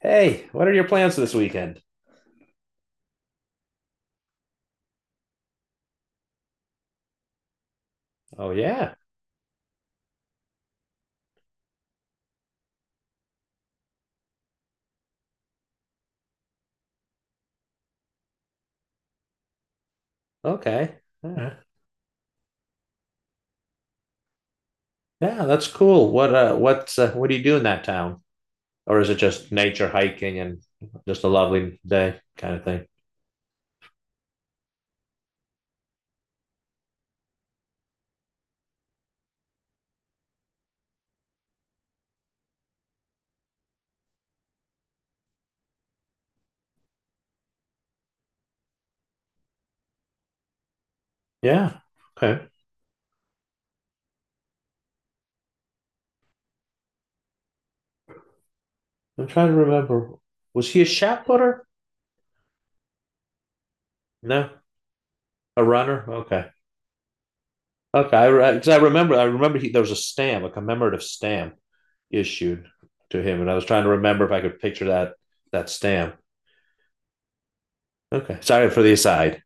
Hey, what are your plans this weekend? Oh yeah. Okay. All right. Yeah, that's cool. What do you do in that town? Or is it just nature hiking and just a lovely day kind of thing? Yeah. Okay. I'm trying to remember. Was he a shot putter? No. A runner? Okay. Okay, I because I remember there was a stamp, a commemorative stamp issued to him, and I was trying to remember if I could picture that stamp. Okay. Sorry for the aside.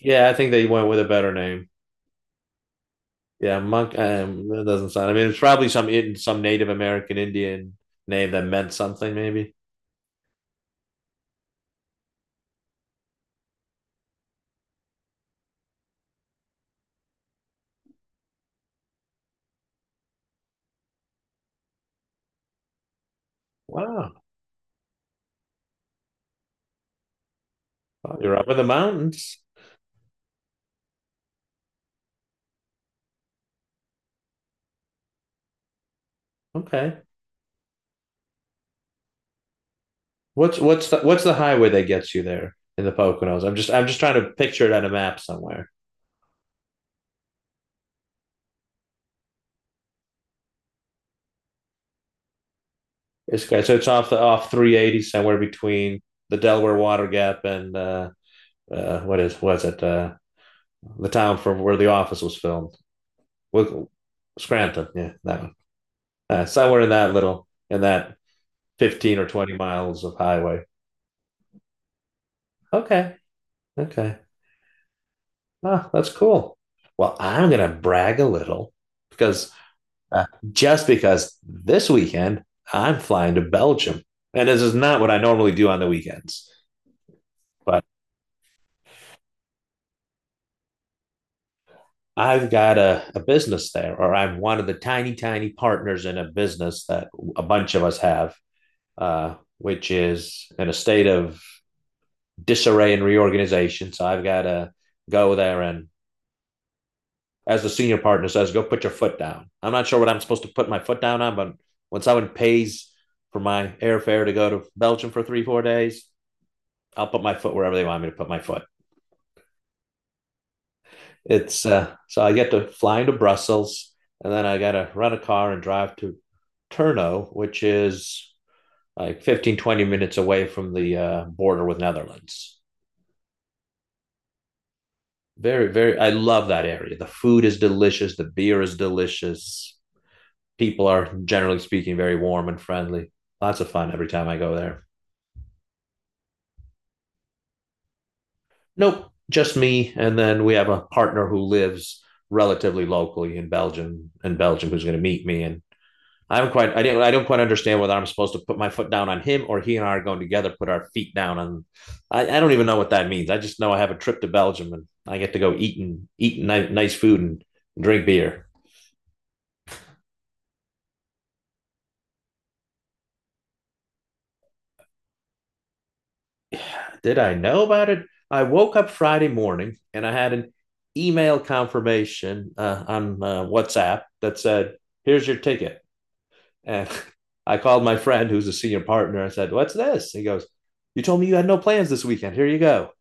Yeah, I think they went with a better name. Yeah, monk. That doesn't sound. I mean, it's probably some Native American Indian name that meant something. Maybe. Wow. Oh, you're up in the mountains. Okay. What's the highway that gets you there in the Poconos? I'm just trying to picture it on a map somewhere. It's okay. So it's off 380 somewhere between the Delaware Water Gap and what is was it the town from where the Office was filmed? Wick- Scranton. Yeah, that one. Somewhere in that little in that 15 or 20 miles of highway. Okay. Okay. Ah, that's cool. Well, I'm going to brag a little because uh, just because this weekend I'm flying to Belgium. And this is not what I normally do on the weekends, but I've got a business there, or I'm one of the tiny, tiny partners in a business that a bunch of us have, which is in a state of disarray and reorganization. So I've got to go there and, as a senior partner says, go put your foot down. I'm not sure what I'm supposed to put my foot down on, but when someone pays for my airfare to go to Belgium for 3, 4 days, I'll put my foot wherever they want me to put my foot. It's so I get to fly into Brussels and then I got to rent a car and drive to Turno, which is like 15-20 minutes away from the border with Netherlands. Very, very, I love that area. The food is delicious. The beer is delicious. People are generally speaking very warm and friendly. Lots of fun every time I go there. Nope, just me. And then we have a partner who lives relatively locally in Belgium, who's going to meet me. And I don't quite understand whether I'm supposed to put my foot down on him or he and I are going together, put our feet down on. I don't even know what that means. I just know I have a trip to Belgium and I get to go eat and eat nice food and drink beer. Did I know about it? I woke up Friday morning and I had an email confirmation on WhatsApp that said, "Here's your ticket." And I called my friend who's a senior partner. I said, "What's this?" He goes, "You told me you had no plans this weekend. Here you go."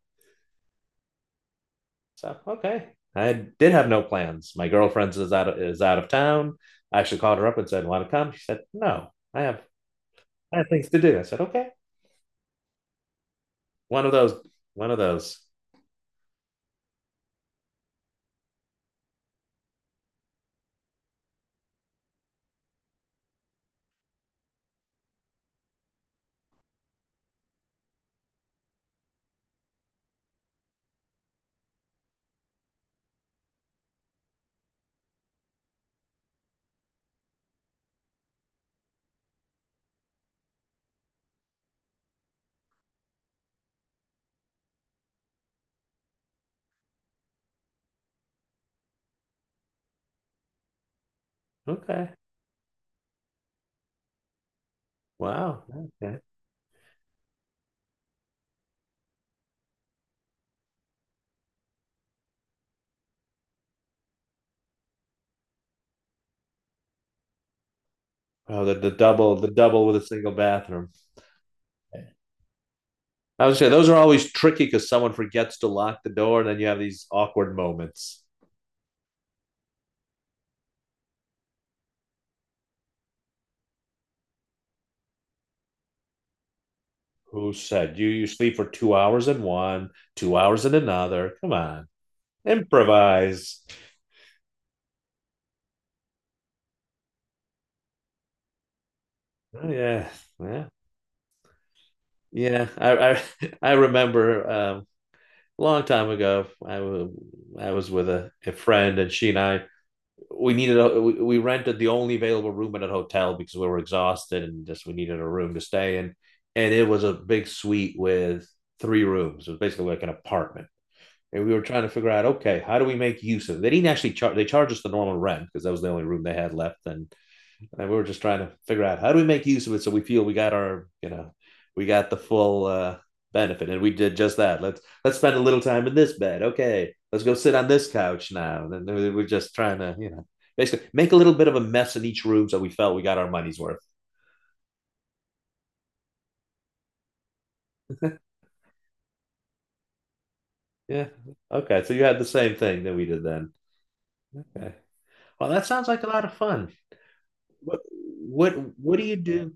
So, okay, I did have no plans. My girlfriend is out of town. I actually called her up and said, "Want to come?" She said, "No, I have things to do." I said, "Okay, one of those, one of those." Okay, wow, okay. Oh, the double with a single bathroom. I would say those are always tricky because someone forgets to lock the door, and then you have these awkward moments. Who said you sleep for 2 hours in one, 2 hours in another? Come on, improvise. Oh, yeah, yeah, yeah. I remember a long time ago. I was with a friend, and she and I we needed a we rented the only available room at a hotel because we were exhausted and just we needed a room to stay in. And it was a big suite with three rooms. It was basically like an apartment, and we were trying to figure out, okay, how do we make use of it. They didn't actually charge, they charged us the normal rent because that was the only room they had left. And we were just trying to figure out how do we make use of it so we feel we got our, we got the full benefit. And we did just that. Let's spend a little time in this bed. Okay, let's go sit on this couch now, and then we're just trying to, basically make a little bit of a mess in each room so we felt we got our money's worth. Yeah, okay, so you had the same thing that we did then. Okay. Well, that sounds like a lot of fun. what what do you do?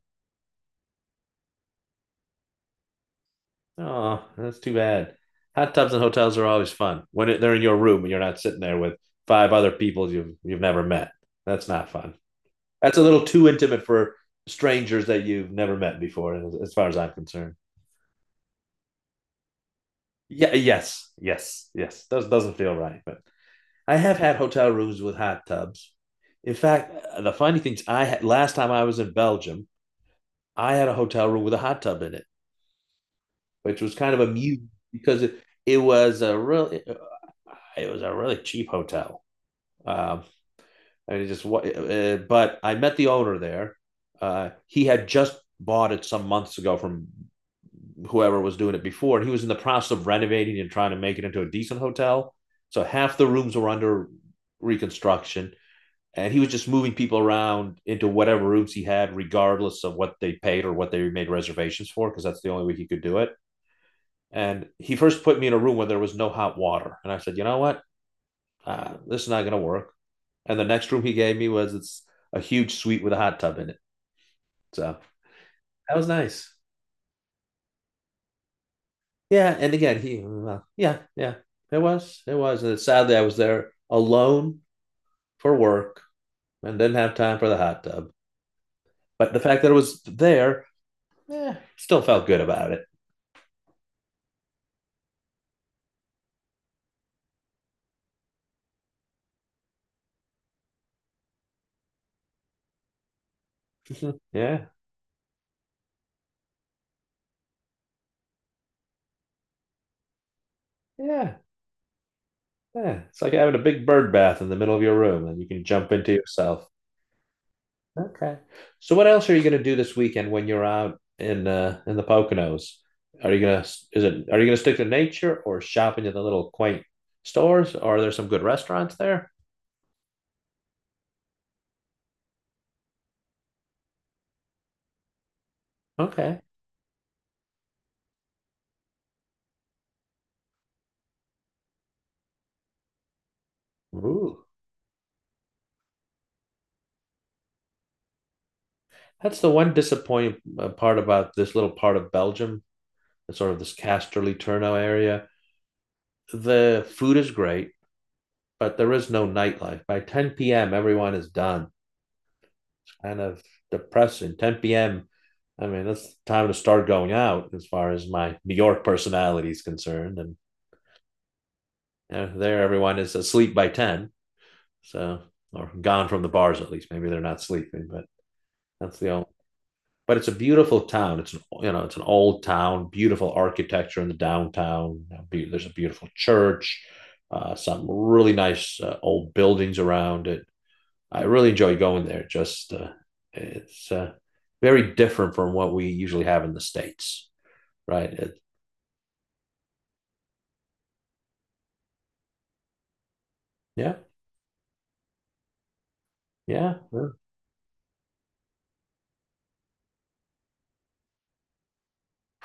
Oh, that's too bad. Hot tubs and hotels are always fun when they're in your room and you're not sitting there with five other people you've never met. That's not fun. That's a little too intimate for strangers that you've never met before, as far as I'm concerned. Yeah, yes, yes, yes. Doesn't feel right, but I have had hotel rooms with hot tubs. In fact, the funny things I had last time I was in Belgium, I had a hotel room with a hot tub in it, which was kind of amusing because it was a real it was a really cheap hotel. Um, and it just what, but I met the owner there. He had just bought it some months ago from whoever was doing it before, and he was in the process of renovating and trying to make it into a decent hotel. So half the rooms were under reconstruction, and he was just moving people around into whatever rooms he had, regardless of what they paid or what they made reservations for, because that's the only way he could do it. And he first put me in a room where there was no hot water, and I said, you know what? This is not going to work. And the next room he gave me was it's a huge suite with a hot tub in it. So that was nice. Yeah. And again, yeah, yeah, it was. It was. And sadly, I was there alone for work and didn't have time for the hot tub. But the fact that it was there, still felt good about it. Yeah. Yeah. Yeah, it's like having a big bird bath in the middle of your room and you can jump into yourself. Okay. So what else are you going to do this weekend when you're out in in the Poconos? Are you gonna are you gonna stick to nature or shopping at the little quaint stores? Or are there some good restaurants there? Okay. Ooh. That's the one disappointing part about this little part of Belgium. It's sort of this Casterly Turno area. The food is great, but there is no nightlife. By 10 p.m., everyone is done. Kind of depressing. 10 p.m. I mean, that's time to start going out as far as my New York personality is concerned. And, there, everyone is asleep by 10. So, or gone from the bars at least. Maybe they're not sleeping, but that's the only. But it's a beautiful town. It's an old town, beautiful architecture in the downtown. There's a beautiful church, some really nice old buildings around it. I really enjoy going there. Just it's very different from what we usually have in the States, right? Yeah, yeah.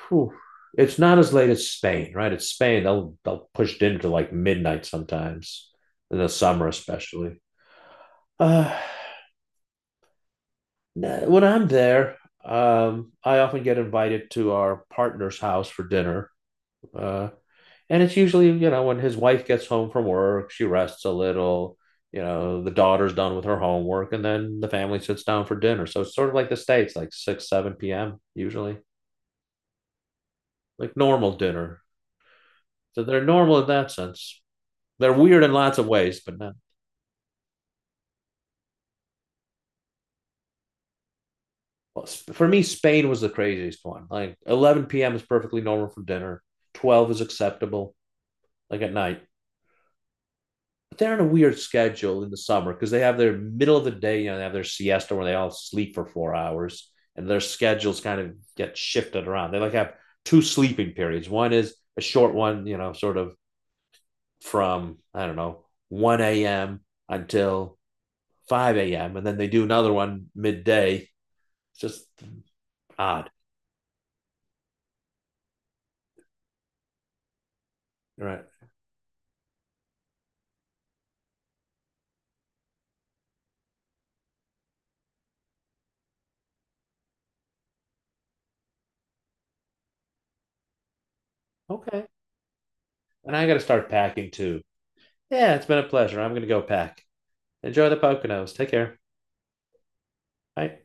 Whew. It's not as late as Spain, right? It's Spain. They'll push dinner to like midnight sometimes in the summer, especially. Uh, nah, when I'm there, I often get invited to our partner's house for dinner. Uh, And it's usually, when his wife gets home from work, she rests a little, the daughter's done with her homework, and then the family sits down for dinner. So it's sort of like the States, like 6, 7 p.m. usually, like normal dinner. So they're normal in that sense. They're weird in lots of ways, but not. Well, for me, Spain was the craziest one. Like 11 p.m. is perfectly normal for dinner. 12 is acceptable, like at night. But they're on a weird schedule in the summer because they have their middle of the day, they have their siesta where they all sleep for 4 hours and their schedules kind of get shifted around. They like have two sleeping periods. One is a short one, sort of from, I don't know, 1 a.m. until 5 a.m. And then they do another one midday. It's just odd. Right. Okay. And I got to start packing too. Yeah, it's been a pleasure. I'm going to go pack. Enjoy the Poconos. Take care. Bye.